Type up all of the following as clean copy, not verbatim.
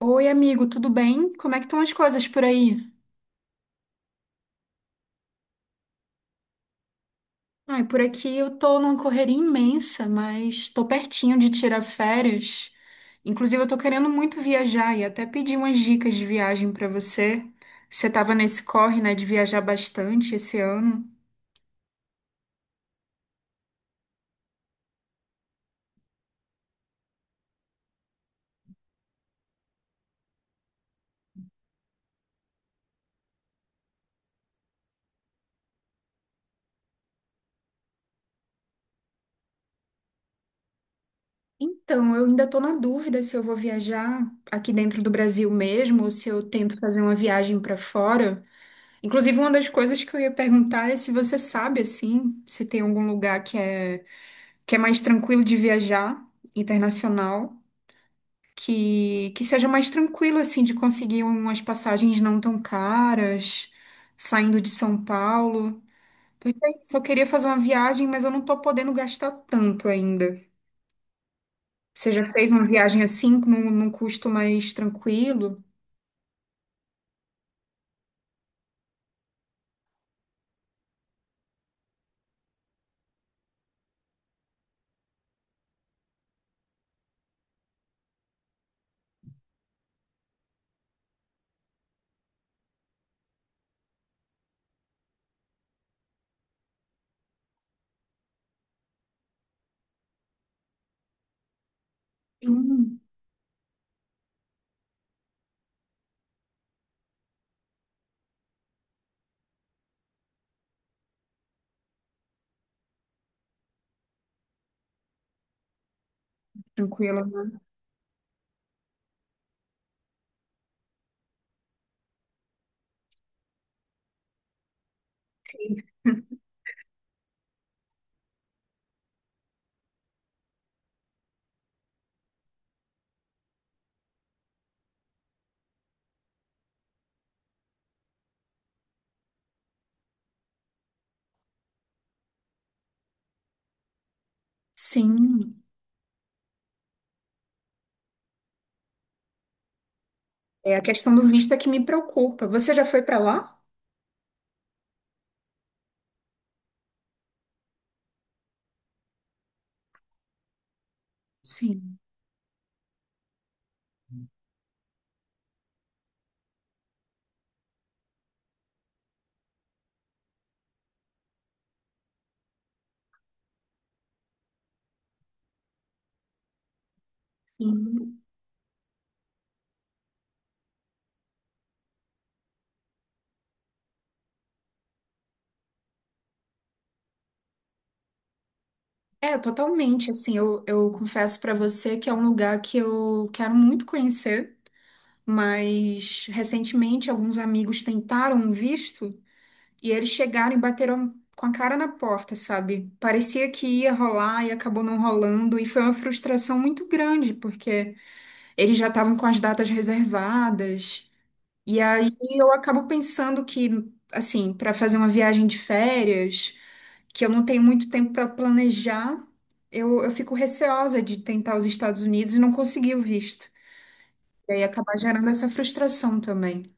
Oi, amigo, tudo bem? Como é que estão as coisas por aí? Ai, por aqui eu tô numa correria imensa, mas tô pertinho de tirar férias. Inclusive, eu tô querendo muito viajar e até pedi umas dicas de viagem pra você. Você tava nesse corre, né, de viajar bastante esse ano. Então, eu ainda tô na dúvida se eu vou viajar aqui dentro do Brasil mesmo ou se eu tento fazer uma viagem pra fora. Inclusive, uma das coisas que eu ia perguntar é se você sabe, assim, se tem algum lugar que é mais tranquilo de viajar, internacional, que seja mais tranquilo, assim, de conseguir umas passagens não tão caras, saindo de São Paulo. Porque é isso, eu queria fazer uma viagem, mas eu não tô podendo gastar tanto ainda. Você já fez uma viagem assim, num custo mais tranquilo? Sim, tranquila. Sim. É a questão do visto é que me preocupa. Você já foi pra lá? Sim. Sim. É, totalmente. Assim, eu confesso pra você que é um lugar que eu quero muito conhecer, mas recentemente alguns amigos tentaram um visto e eles chegaram e bateram com a cara na porta, sabe? Parecia que ia rolar e acabou não rolando, e foi uma frustração muito grande, porque eles já estavam com as datas reservadas. E aí eu acabo pensando que, assim, pra fazer uma viagem de férias que eu não tenho muito tempo para planejar, eu fico receosa de tentar os Estados Unidos e não conseguir o visto. E aí acabar gerando essa frustração também.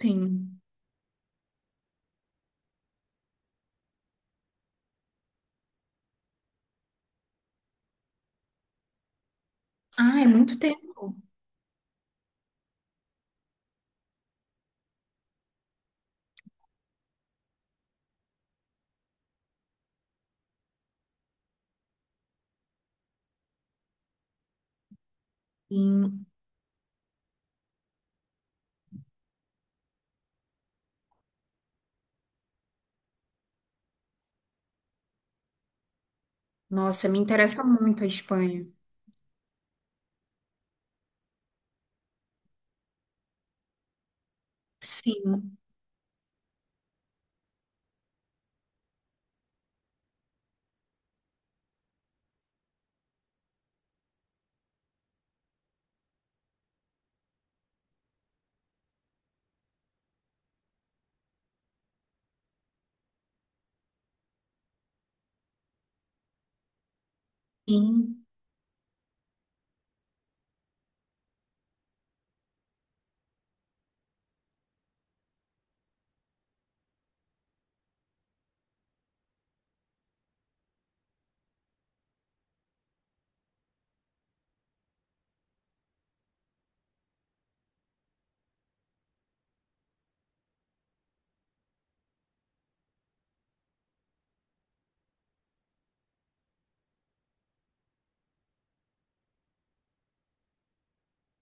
Sim. Ah, é muito tempo. Sim. Nossa, me interessa muito a Espanha. Sim, sim,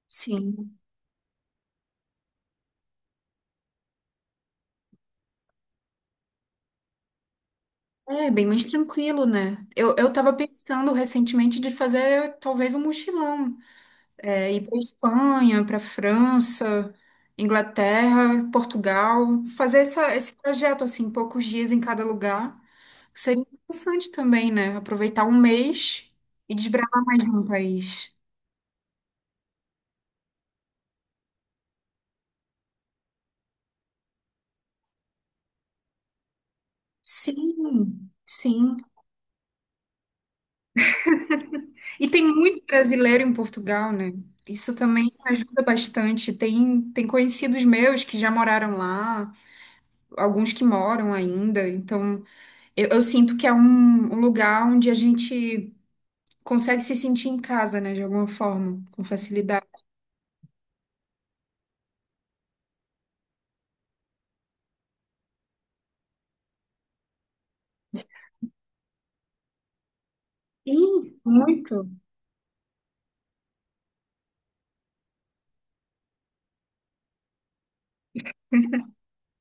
sim. É bem mais tranquilo, né? Eu tava pensando recentemente de fazer talvez um mochilão. É, ir para Espanha, para França, Inglaterra, Portugal, fazer esse projeto assim, poucos dias em cada lugar, seria interessante também, né? Aproveitar um mês e desbravar mais um país. Sim, sim. E tem muito brasileiro em Portugal, né? Isso também ajuda bastante. Tem conhecidos meus que já moraram lá, alguns que moram ainda. Então, eu sinto que é um lugar onde a gente consegue se sentir em casa, né, de alguma forma, com facilidade. Sim, muito.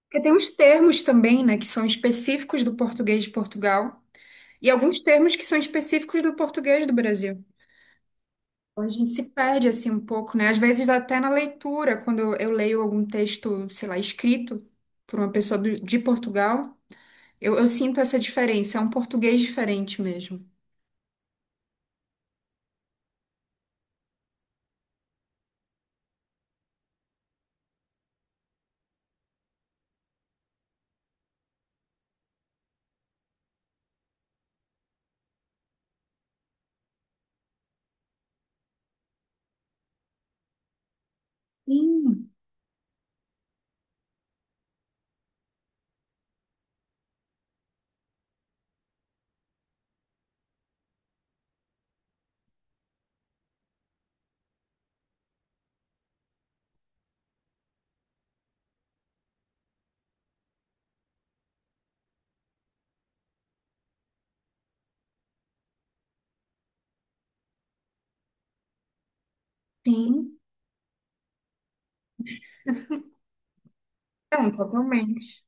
Porque tem uns termos também, né, que são específicos do português de Portugal e alguns termos que são específicos do português do Brasil. Então a gente se perde assim um pouco, né? Às vezes até na leitura, quando eu leio algum texto, sei lá, escrito por uma pessoa de Portugal, eu sinto essa diferença, é um português diferente mesmo. Sim. Sim, não, totalmente.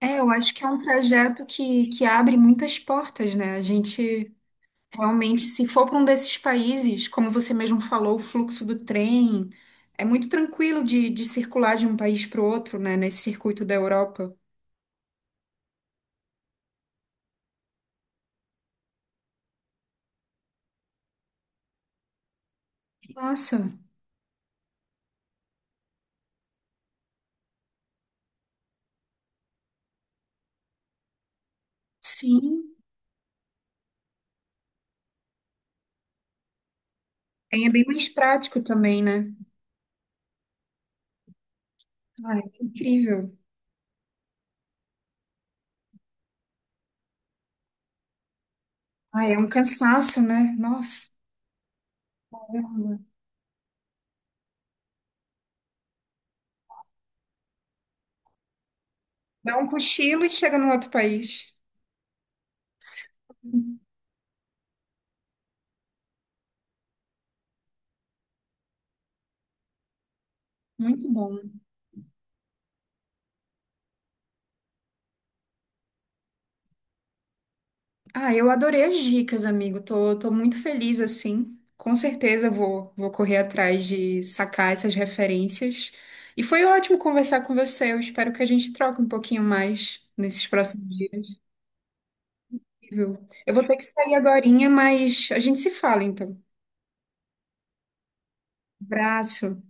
É, eu acho que é um trajeto que abre muitas portas, né? A gente realmente, se for para um desses países, como você mesmo falou, o fluxo do trem é muito tranquilo de circular de um país para o outro, né? Nesse circuito da Europa. Nossa, sim. Trem é bem mais prático também, né? Ah, é incrível. Ah, é um cansaço, né? Nossa, dá um cochilo e chega no outro país. Muito bom. Ah, eu adorei as dicas, amigo. Tô muito feliz assim. Com certeza vou correr atrás de sacar essas referências. E foi ótimo conversar com você. Eu espero que a gente troque um pouquinho mais nesses próximos dias, viu? Eu vou ter que sair agorinha, mas a gente se fala então. Abraço.